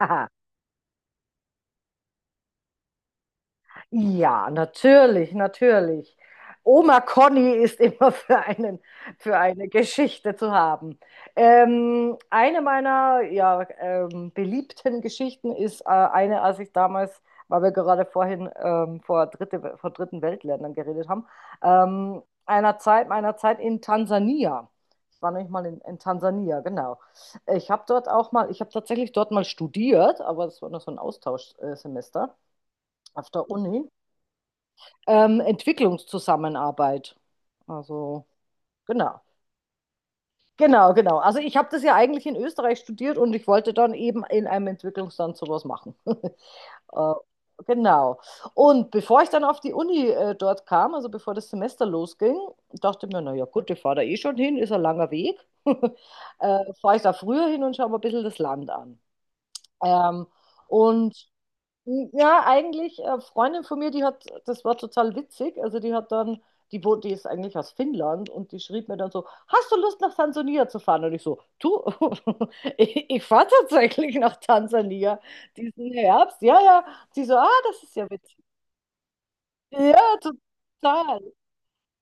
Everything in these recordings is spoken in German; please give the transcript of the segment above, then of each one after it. Aha. Ja, natürlich, natürlich. Oma Conny ist immer für einen, für eine Geschichte zu haben. Eine meiner beliebten Geschichten ist eine, als ich damals, weil wir gerade vorhin vor dritten Weltländern geredet haben, einer Zeit, meiner Zeit in Tansania. Ich war nämlich mal in Tansania, genau. Ich habe dort auch mal, ich habe tatsächlich dort mal studiert, aber das war nur so ein Austauschsemester. Auf der Uni, Entwicklungszusammenarbeit. Also, genau. Genau, genau. Also ich habe das ja eigentlich in Österreich studiert und ich wollte dann eben in einem Entwicklungsland sowas machen. äh, genau. Und bevor ich dann auf die Uni dort kam, also bevor das Semester losging, dachte ich mir, naja gut, ich fahre da eh schon hin, ist ein langer Weg. Fahre ich da früher hin und schaue mir ein bisschen das Land an. Ähm, und ja, eigentlich, Freundin von mir, die hat, das war total witzig. Also die hat dann, die wohnt, die ist eigentlich aus Finnland und die schrieb mir dann so, hast du Lust nach Tansania zu fahren? Und ich so, du, ich fahre tatsächlich nach Tansania diesen Herbst. Ja, ja. Sie so, ah, das ist ja witzig. Ja, total.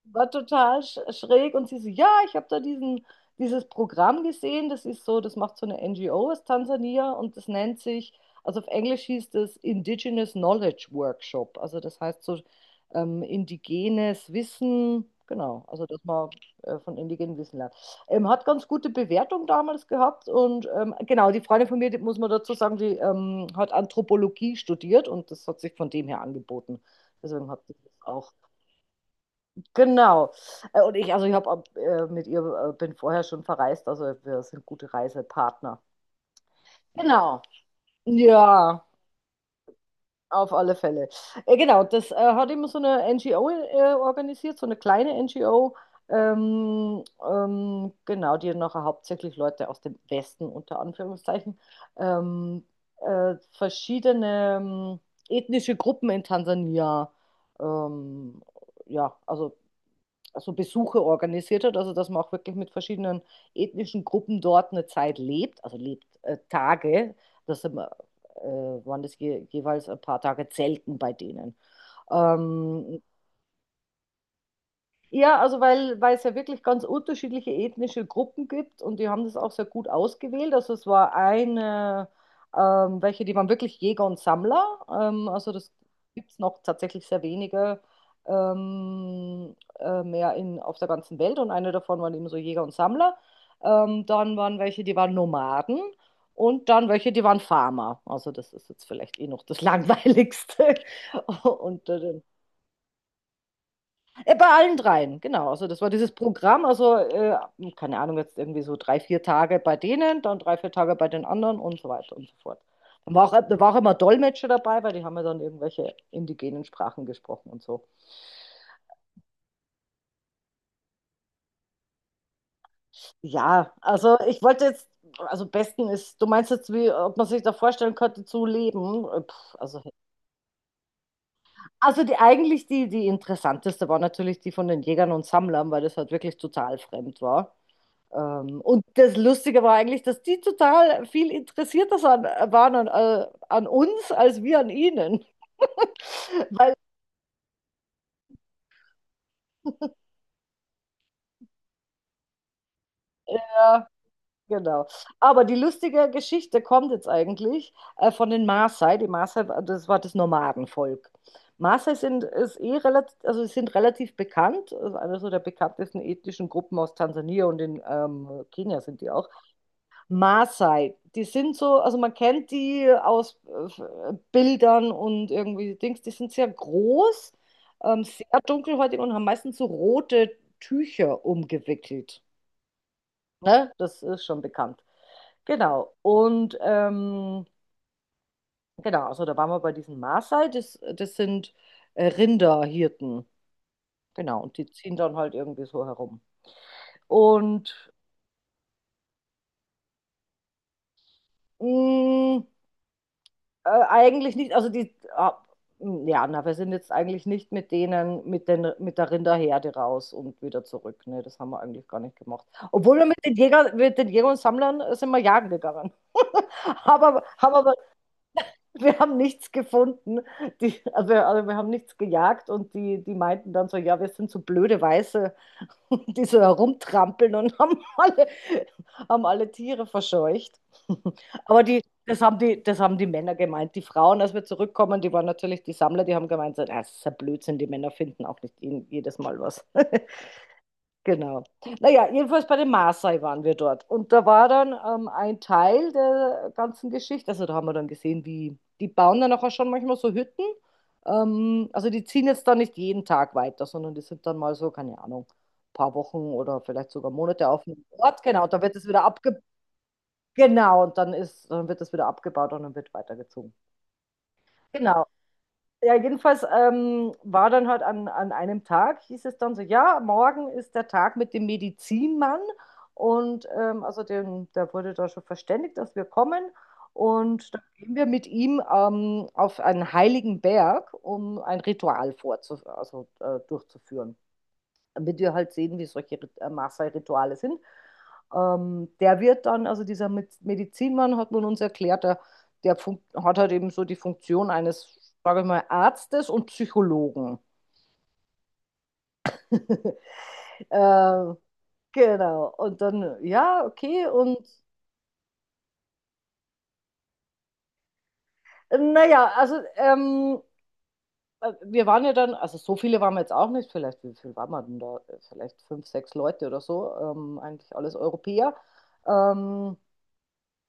War total schräg und sie so, ja, ich habe da diesen, dieses Programm gesehen, das ist so, das macht so eine NGO aus Tansania und das nennt sich, also auf Englisch hieß das Indigenous Knowledge Workshop, also das heißt so, indigenes Wissen, genau, also dass man von indigenem Wissen lernt. Hat ganz gute Bewertung damals gehabt und genau, die Freundin von mir, die, muss man dazu sagen, die hat Anthropologie studiert und das hat sich von dem her angeboten. Deswegen hat sie das auch. Genau. Und ich, also ich habe mit ihr, bin vorher schon verreist, also wir sind gute Reisepartner. Genau. Ja, auf alle Fälle. Genau, das hat immer so eine NGO organisiert, so eine kleine NGO. Genau, die nachher hauptsächlich Leute aus dem Westen, unter Anführungszeichen, ähm, verschiedene ethnische Gruppen in Tansania, ähm, ja, also Besuche organisiert hat, also dass man auch wirklich mit verschiedenen ethnischen Gruppen dort eine Zeit lebt, also lebt, Tage, das sind, äh, waren das jeweils ein paar Tage Zelten bei denen. Ähm, ja, also weil es ja wirklich ganz unterschiedliche ethnische Gruppen gibt und die haben das auch sehr gut ausgewählt. Also es war eine, welche, die waren wirklich Jäger und Sammler. Also das gibt es noch tatsächlich sehr wenige mehr auf der ganzen Welt und eine davon waren eben so Jäger und Sammler. Dann waren welche, die waren Nomaden und dann welche, die waren Farmer. Also das ist jetzt vielleicht eh noch das Langweiligste. Und bei allen dreien, genau. Also das war dieses Programm, also keine Ahnung, jetzt irgendwie so drei, vier Tage bei denen, dann drei, vier Tage bei den anderen und so weiter und so fort. Dann war auch, da war auch immer Dolmetscher dabei, weil die haben ja dann irgendwelche indigenen Sprachen gesprochen und so. Ja, also ich wollte jetzt, also besten ist, du meinst jetzt, wie, ob man sich da vorstellen könnte zu leben? Pff, also die, eigentlich die, die interessanteste war natürlich die von den Jägern und Sammlern, weil das halt wirklich total fremd war. Und das Lustige war eigentlich, dass die total viel interessierter waren an, an uns als wir an ihnen. Ja, genau. Aber die lustige Geschichte kommt jetzt eigentlich von den Maasai. Die Maasai, das war das Nomadenvolk. Maasai sind, ist eh relativ, also sie sind relativ bekannt, also einer so der bekanntesten ethnischen Gruppen aus Tansania und in Kenia sind die auch. Maasai, die sind so, also man kennt die aus Bildern und irgendwie Dings, die sind sehr groß, sehr dunkelhäutig und haben meistens so rote Tücher umgewickelt. Ne? Das ist schon bekannt. Genau. Und genau, also da waren wir bei diesen Maasai, das, das sind Rinderhirten. Genau, und die ziehen dann halt irgendwie so herum. Und mh, eigentlich nicht, also die, ah, ja, na, wir sind jetzt eigentlich nicht mit denen, mit der Rinderherde raus und wieder zurück. Ne, das haben wir eigentlich gar nicht gemacht. Obwohl wir mit den Jägern und Sammlern sind wir jagen gegangen. Aber, haben aber wir haben nichts gefunden. Die, also wir haben nichts gejagt und die meinten dann so, ja, wir sind so blöde Weiße, und die so herumtrampeln und haben alle Tiere verscheucht. Aber die, das, haben die, das haben die Männer gemeint. Die Frauen, als wir zurückkommen, die waren natürlich die Sammler, die haben gemeint, so, "Ah, das ist ja Blödsinn, die Männer finden auch nicht jedes Mal was." Genau. Naja, jedenfalls bei den Maasai waren wir dort. Und da war dann ein Teil der ganzen Geschichte. Also da haben wir dann gesehen, wie die bauen dann auch schon manchmal so Hütten. Also die ziehen jetzt dann nicht jeden Tag weiter, sondern die sind dann mal so, keine Ahnung, paar Wochen oder vielleicht sogar Monate auf einem Ort. Genau, da wird es wieder abge... Genau, und dann ist, dann wird es wieder abgebaut und dann wird weitergezogen. Genau. Ja, jedenfalls war dann halt an einem Tag, hieß es dann so, ja, morgen ist der Tag mit dem Medizinmann. Und also den, der wurde da schon verständigt, dass wir kommen. Und dann gehen wir mit ihm auf einen heiligen Berg, um ein Ritual durchzuführen, wird ihr halt sehen, wie solche Maße-Rituale sind. Der wird dann, also dieser Medizinmann, hat man uns erklärt, der hat halt eben so die Funktion eines, sage ich mal, Arztes und Psychologen. äh, genau. Und dann, ja, okay. Und naja, also wir waren ja dann, also so viele waren wir jetzt auch nicht, vielleicht, wie viel waren wir denn da? Vielleicht fünf, sechs Leute oder so, eigentlich alles Europäer. Ähm,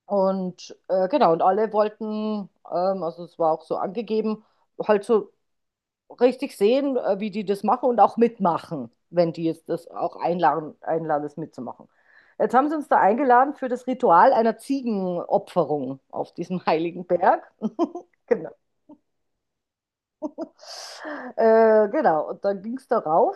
Und genau, und alle wollten, also es war auch so angegeben, halt so richtig sehen, wie die das machen und auch mitmachen, wenn die jetzt das auch einladen, das mitzumachen. Jetzt haben sie uns da eingeladen für das Ritual einer Ziegenopferung auf diesem heiligen Berg. Genau. Genau, und dann ging es darauf.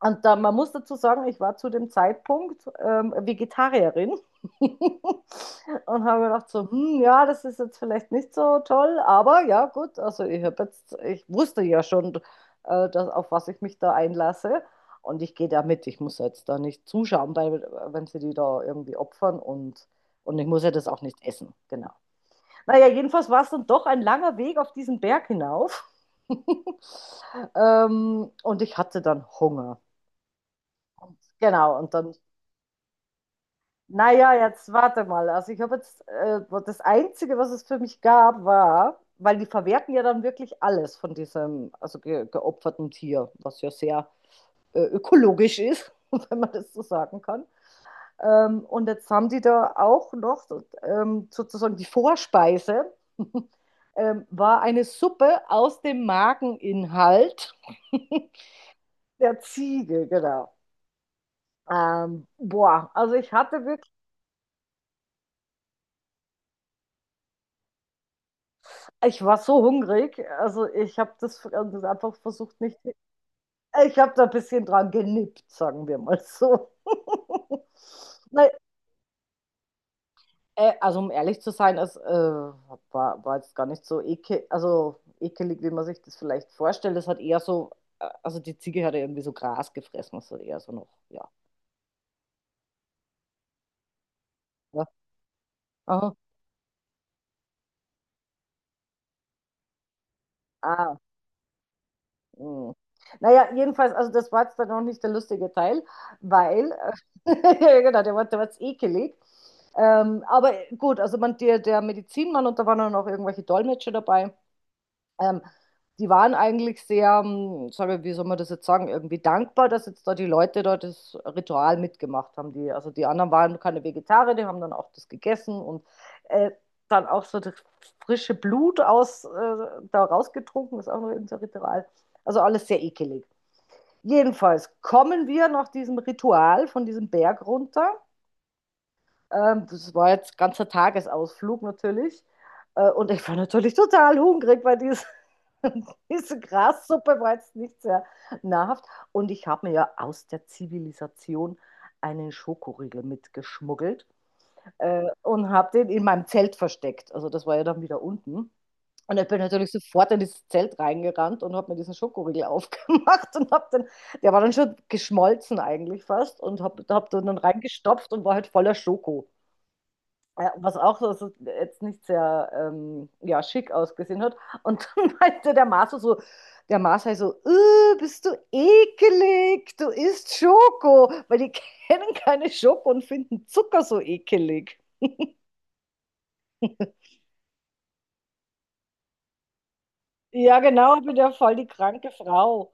Und da, man muss dazu sagen, ich war zu dem Zeitpunkt Vegetarierin und habe gedacht so, hm, ja, das ist jetzt vielleicht nicht so toll, aber ja, gut, also ich habe jetzt, ich wusste ja schon, dass, auf was ich mich da einlasse und ich gehe da mit, ich muss jetzt da nicht zuschauen, weil wenn sie die da irgendwie opfern und ich muss ja das auch nicht essen, genau. Naja, jedenfalls war es dann doch ein langer Weg auf diesen Berg hinauf. Und ich hatte dann Hunger. Genau, und dann, naja, jetzt warte mal. Also ich habe jetzt, das Einzige, was es für mich gab, war, weil die verwerten ja dann wirklich alles von diesem, also ge geopferten Tier, was ja sehr ökologisch ist, wenn man das so sagen kann. Und jetzt haben die da auch noch sozusagen die Vorspeise, war eine Suppe aus dem Mageninhalt der Ziege, genau. Boah, also ich hatte wirklich. Ich war so hungrig, also, ich habe das einfach versucht nicht. Ich habe da ein bisschen dran genippt, sagen wir mal so. Ne, also, um ehrlich zu sein, war war jetzt gar nicht so ekel also, ekelig, wie man sich das vielleicht vorstellt. Es hat eher so also, die Ziege hat ja irgendwie so Gras gefressen, also eher so noch ja, ne? Aha. Ah, mhm. Na ja, jedenfalls, also, das war jetzt dann noch nicht der lustige Teil, weil ja genau, der war jetzt ekelig. Aber gut, also man, der Medizinmann und da waren dann auch irgendwelche Dolmetscher dabei. Ähm, Die waren eigentlich sehr, soll man, wie soll man das jetzt sagen, irgendwie dankbar, dass jetzt da die Leute da das Ritual mitgemacht haben. Die, also die anderen waren keine Vegetarier, die haben dann auch das gegessen und äh, dann auch so das frische Blut da rausgetrunken, ist auch noch irgendein Ritual. Also alles sehr ekelig. Jedenfalls kommen wir nach diesem Ritual von diesem Berg runter, das war jetzt ganzer Tagesausflug natürlich. Und ich war natürlich total hungrig, weil diese, diese Grassuppe war jetzt nicht sehr nahrhaft. Und ich habe mir ja aus der Zivilisation einen Schokoriegel mitgeschmuggelt und habe den in meinem Zelt versteckt. Also das war ja dann wieder unten. Und ich bin natürlich sofort in dieses Zelt reingerannt und habe mir diesen Schokoriegel aufgemacht und habe dann, der war dann schon geschmolzen eigentlich fast und habe hab den dann reingestopft und war halt voller Schoko. Ja, was auch so jetzt nicht sehr ja, schick ausgesehen hat. Und dann meinte der Marso so, der Marso halt so, bist du ekelig, du isst Schoko, weil die kennen keine Schoko und finden Zucker so ekelig." Ja, genau, ich bin ja voll die kranke Frau.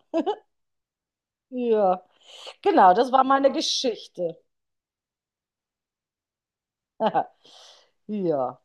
Ja, genau, das war meine Geschichte. Ja.